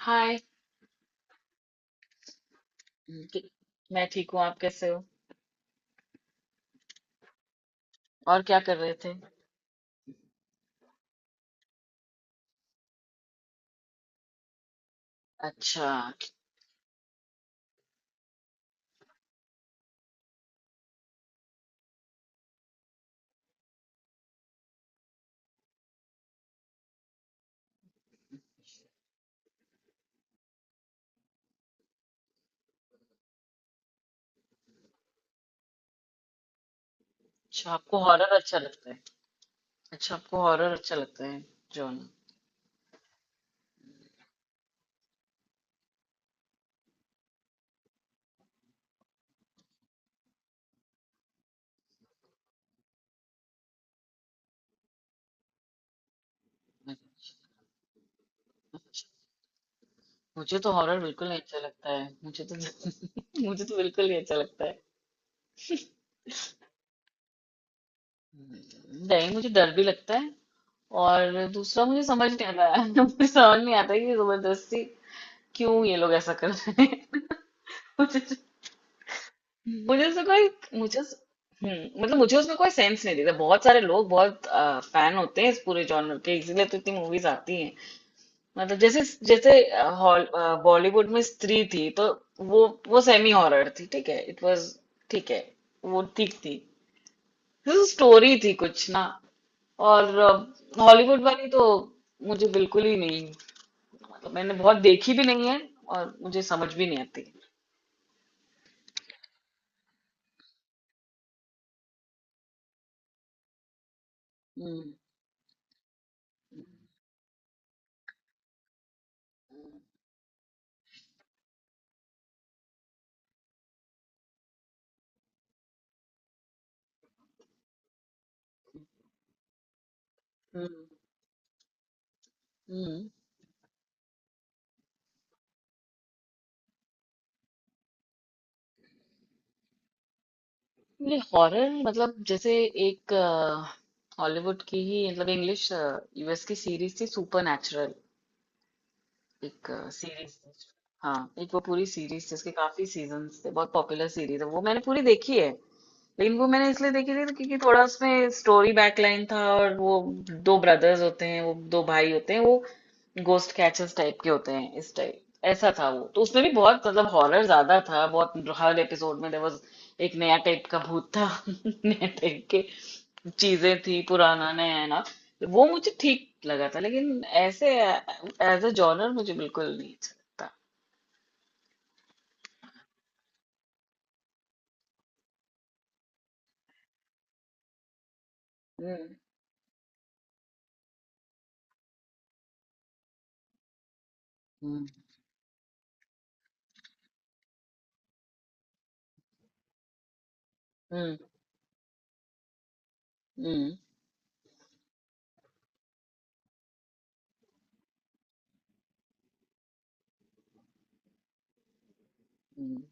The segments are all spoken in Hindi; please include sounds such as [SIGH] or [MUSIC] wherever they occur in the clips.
हाय। क- मैं ठीक हूँ। आप कैसे हो? और क्या कर रहे थे? अच्छा। अच्छा, आपको हॉरर अच्छा लगता है? अच्छा, आपको हॉरर अच्छा लगता है? जॉन? अच्छा। मुझे तो हॉरर बिल्कुल नहीं अच्छा लगता है, मुझे तो [LAUGHS] मुझे तो बिल्कुल नहीं अच्छा लगता है। नहीं, मुझे डर भी लगता है। और दूसरा, मुझे समझ नहीं आता है। [LAUGHS] मुझे समझ नहीं आता है कि जबरदस्ती क्यों ये लोग ऐसा कर रहे हैं। [LAUGHS] मुझे, मुझे उसमें कोई, मुझे उस- मतलब मुझे उसमें कोई सेंस नहीं दिखता। बहुत सारे लोग बहुत फैन होते हैं इस पूरे जॉनर के, इसीलिए तो इतनी मूवीज आती हैं। मतलब जैसे जैसे बॉलीवुड में स्त्री थी, तो वो सेमी हॉरर थी, ठीक है। इट वाज ठीक है, वो ठीक थी, स्टोरी थी कुछ ना। और हॉलीवुड वाली तो मुझे बिल्कुल ही नहीं, मतलब मैंने बहुत देखी भी नहीं है, और मुझे समझ भी नहीं आती। हम्म। हम्म। हम्म। नहीं, हॉरर मतलब जैसे, एक हॉलीवुड की ही, मतलब इंग्लिश यूएस की सीरीज थी, सुपर नेचुरल, एक सीरीज थी। हाँ, एक वो पूरी सीरीज थी, उसके काफी सीजन्स थे, बहुत पॉपुलर सीरीज है वो, मैंने पूरी देखी है। लेकिन वो मैंने इसलिए देखी थी क्योंकि थोड़ा उसमें स्टोरी बैकलाइन था, और वो दो ब्रदर्स होते हैं, वो दो भाई होते हैं, वो गोस्ट कैचर्स टाइप के होते हैं, इस टाइप। ऐसा था वो, तो उसमें भी बहुत, मतलब हॉरर ज्यादा था बहुत, हर एपिसोड में देयर वाज एक नया टाइप का भूत था। [LAUGHS] नया टाइप के चीजें थी, पुराना नया ना। वो मुझे ठीक लगा था, लेकिन ऐसे एज अ जॉनर मुझे बिल्कुल नहीं अच्छा लगता। हम्म। हम्म। हम्म। हम्म। हम्म,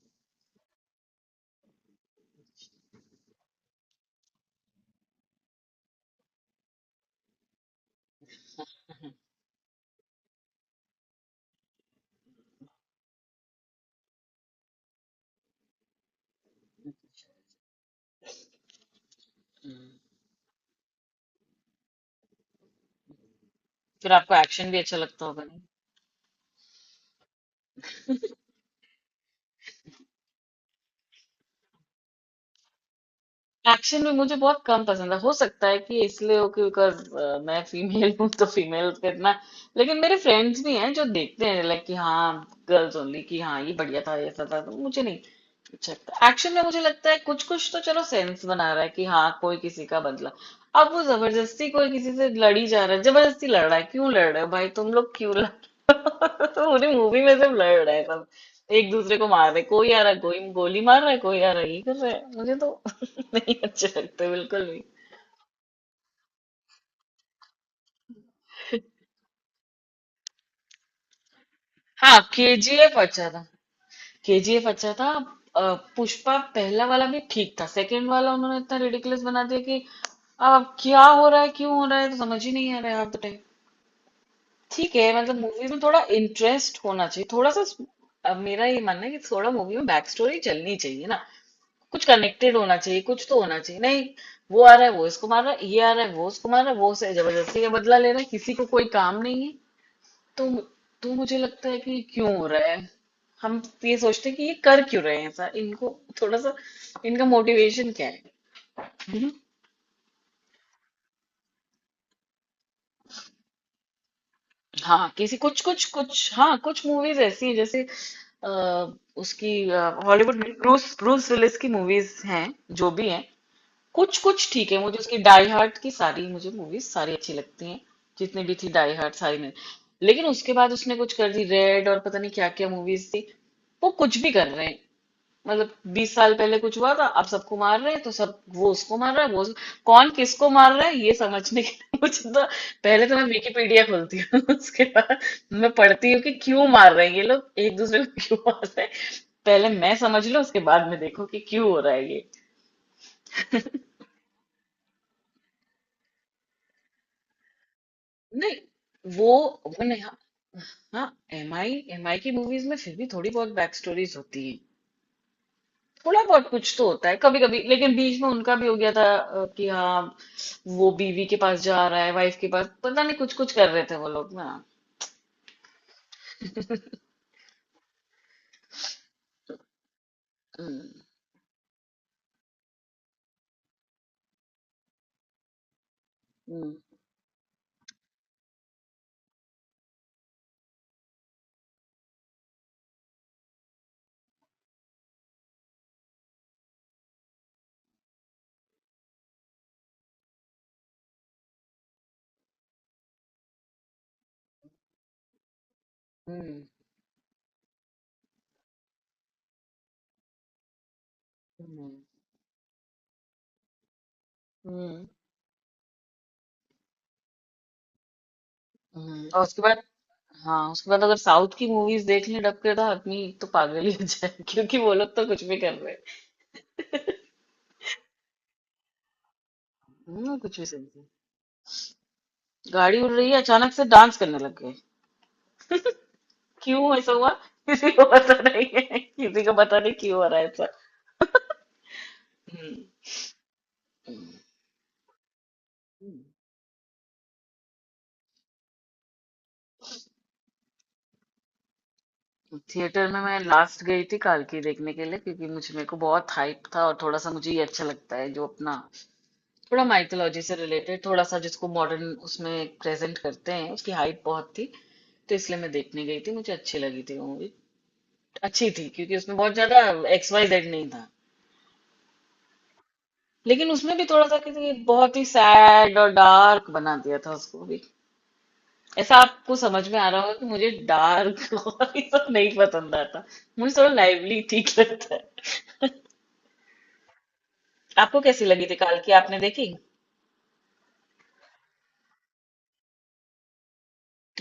हम्म। फिर आपको एक्शन भी अच्छा लगता होगा? एक्शन भी मुझे बहुत कम पसंद है, हो सकता है कि इसलिए हो कि बिकॉज मैं फीमेल हूँ, तो फीमेल का इतना। लेकिन मेरे फ्रेंड्स भी हैं जो देखते हैं, लाइक कि हाँ गर्ल्स ओनली, कि हाँ ये बढ़िया था ऐसा था, तो मुझे नहीं अच्छा लगता। एक्शन में मुझे लगता है कुछ कुछ तो चलो सेंस बना रहा है कि हाँ, कोई किसी का बदला। अब वो जबरदस्ती कोई किसी से लड़ी जा रहा है, जबरदस्ती लड़ रहा है, क्यों लड़ रहे हो भाई, तुम लोग क्यों लड़। तो पूरी मूवी में सब लड़ रहे हैं, सब एक दूसरे को मार रहे हैं। कोई आ रहा है, कोई गोली मार रहा है, कोई आ रहा है, ये कर रहा है, मुझे तो [LAUGHS] नहीं अच्छे लगते बिल्कुल भी। हाँ, केजीएफ अच्छा था। केजीएफ अच्छा था। पुष्पा पहला वाला भी ठीक था, सेकंड वाला उन्होंने इतना रिडिकुलस बना दिया कि अब क्या हो रहा है, क्यों हो रहा है, तो समझ ही नहीं आ रहा है, आप बताइए। ठीक है, मतलब मूवी में थोड़ा इंटरेस्ट होना चाहिए, थोड़ा सा। अब मेरा ये मानना है कि थोड़ा मूवी में बैक स्टोरी चलनी चाहिए ना, कुछ कनेक्टेड होना चाहिए, कुछ तो होना चाहिए। नहीं, वो आ रहा है, वो इसको मार रहा है, ये आ रहा है, वो उसको मार रहा है, वो उसे जबरदस्ती का बदला ले रहा है, किसी को कोई काम नहीं है तो। तो मुझे लगता है कि ये क्यों हो रहा है, हम ये सोचते हैं कि ये कर क्यों रहे हैं ऐसा, इनको थोड़ा सा, इनका मोटिवेशन क्या है। हम्म। हाँ, किसी, कुछ कुछ कुछ, हाँ, कुछ मूवीज ऐसी हैं जैसे अ, उसकी, हॉलीवुड में ब्रूस ब्रूस विलिस की मूवीज हैं, जो भी हैं। कुछ कुछ ठीक है, मुझे उसकी डाई हार्ड की सारी मुझे मूवीज सारी अच्छी लगती हैं, जितनी भी थी डाई हार्ड सारी में। लेकिन उसके बाद उसने कुछ कर दी रेड और पता नहीं क्या क्या मूवीज थी, वो कुछ भी कर रहे हैं। मतलब 20 साल पहले कुछ हुआ था, अब सबको मार रहे हैं, तो सब, वो उसको मार रहा है, वो, कौन किसको मार रहा है ये समझने के लिए मुझे तो पहले तो मैं विकिपीडिया खोलती हूँ, [LAUGHS] उसके बाद मैं पढ़ती हूँ कि क्यों मार रहे हैं ये लोग, एक दूसरे को क्यों मार रहे हैं, पहले मैं समझ लूं, उसके बाद में देखो कि क्यों हो रहा है ये। नहीं, वो, वो नहीं, हाँ। हाँ, एम आई की मूवीज में फिर भी थोड़ी बहुत बैक स्टोरीज होती हैं, थोड़ा बहुत कुछ तो होता है कभी कभी। लेकिन बीच में उनका भी हो गया था कि हाँ वो बीवी के पास जा रहा है, वाइफ के पास, पता नहीं कुछ कुछ कर रहे थे वो लोग ना। हम्म। हम्म। हम्म। हम्म। हम्म, और उसके बाद, हाँ, उसके बाद अगर साउथ की मूवीज देख लें डब के तो आदमी तो पागल ही हो जाए, [LAUGHS] क्योंकि वो लोग तो कुछ भी कर रहे हैं। कुछ भी समझे, गाड़ी उड़ रही है, अचानक से डांस करने लग गए, क्यों ऐसा हुआ? [LAUGHS] किसी को पता नहीं है, किसी को पता नहीं क्यों हो रहा है ऐसा। हम्म। थिएटर में मैं लास्ट गई थी की देखने के लिए क्योंकि मुझे, मेरे को बहुत हाइप था, और थोड़ा सा मुझे ये अच्छा लगता है, जो अपना थोड़ा माइथोलॉजी से रिलेटेड थोड़ा सा जिसको मॉडर्न उसमें प्रेजेंट करते हैं, उसकी हाइप बहुत थी, तो इसलिए मैं देखने गई थी, मुझे अच्छी लगी थी वो मूवी, अच्छी थी क्योंकि उसमें बहुत ज्यादा XYZ नहीं था। लेकिन उसमें भी थोड़ा सा किसी, बहुत ही सैड और डार्क बना दिया था उसको भी, ऐसा आपको समझ में आ रहा होगा कि मुझे डार्क [LAUGHS] और ये सब नहीं पसंद आता, मुझे थोड़ा लाइवली ठीक लगता है। [LAUGHS] आपको कैसी लगी थी काल की, आपने देखी?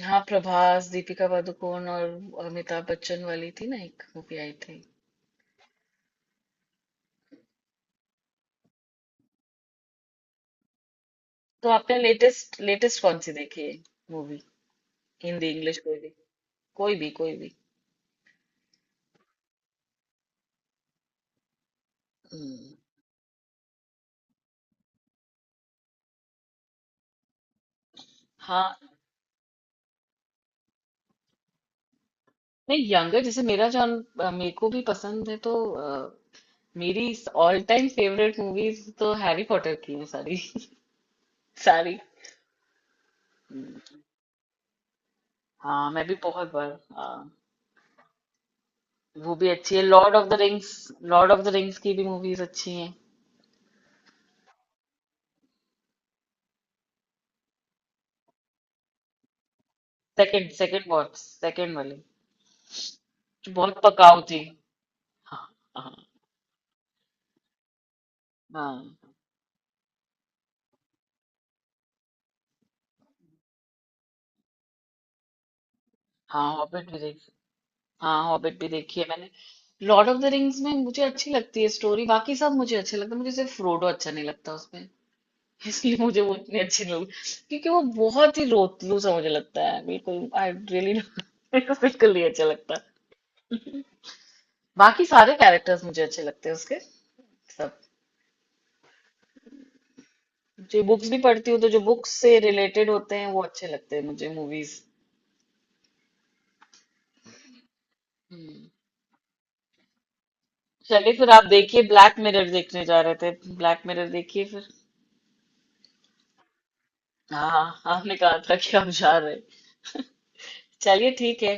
हाँ, प्रभास दीपिका पादुकोण और अमिताभ बच्चन वाली थी ना, एक मूवी आई थी। तो आपने लेटेस्ट लेटेस्ट कौन सी देखी है मूवी, हिंदी इंग्लिश कोई भी, कोई भी कोई भी? हम्म, हाँ। नहीं यंगर, जैसे मेरा जॉन मेरे को भी पसंद है, तो मेरी ऑल टाइम फेवरेट मूवीज तो हैरी पॉटर की है सारी। [LAUGHS] सारी। हाँ, मैं भी बहुत बार। हाँ, वो भी अच्छी है, Lord of the Rings. Lord of the Rings की भी मूवीज अच्छी हैं। सेकंड, सेकंड बहुत, सेकंड वाली जो बहुत पकाऊ थी। हाँ। हाँ। हाँ, हाँ, हॉबिट भी देखी। हाँ, हॉबिट भी देखी है मैंने। लॉर्ड ऑफ द रिंग्स में मुझे अच्छी लगती है स्टोरी, बाकी सब मुझे अच्छा लगता है, मुझे सिर्फ फ्रोडो अच्छा नहीं लगता उसमें। [LAUGHS] इसलिए मुझे वो इतनी अच्छी नहीं लगती, क्योंकि वो बहुत ही रोतलू सा मुझे लगता है बिल्कुल, आई रियली [LAUGHS] मेरे को बिल्कुल नहीं अच्छा लगता। बाकी सारे कैरेक्टर्स मुझे अच्छे लगते हैं उसके सब। जी, बुक्स भी पढ़ती हूँ, तो जो बुक्स से रिलेटेड होते हैं वो अच्छे लगते हैं मुझे, मूवीज। हम्म। चलिए फिर आप देखिए, ब्लैक मिरर देखने जा रहे थे, ब्लैक मिरर देखिए फिर। हाँ, आपने कहा था कि आप जा रहे। चलिए, ठीक है।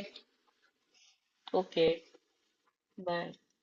ओके। बाय।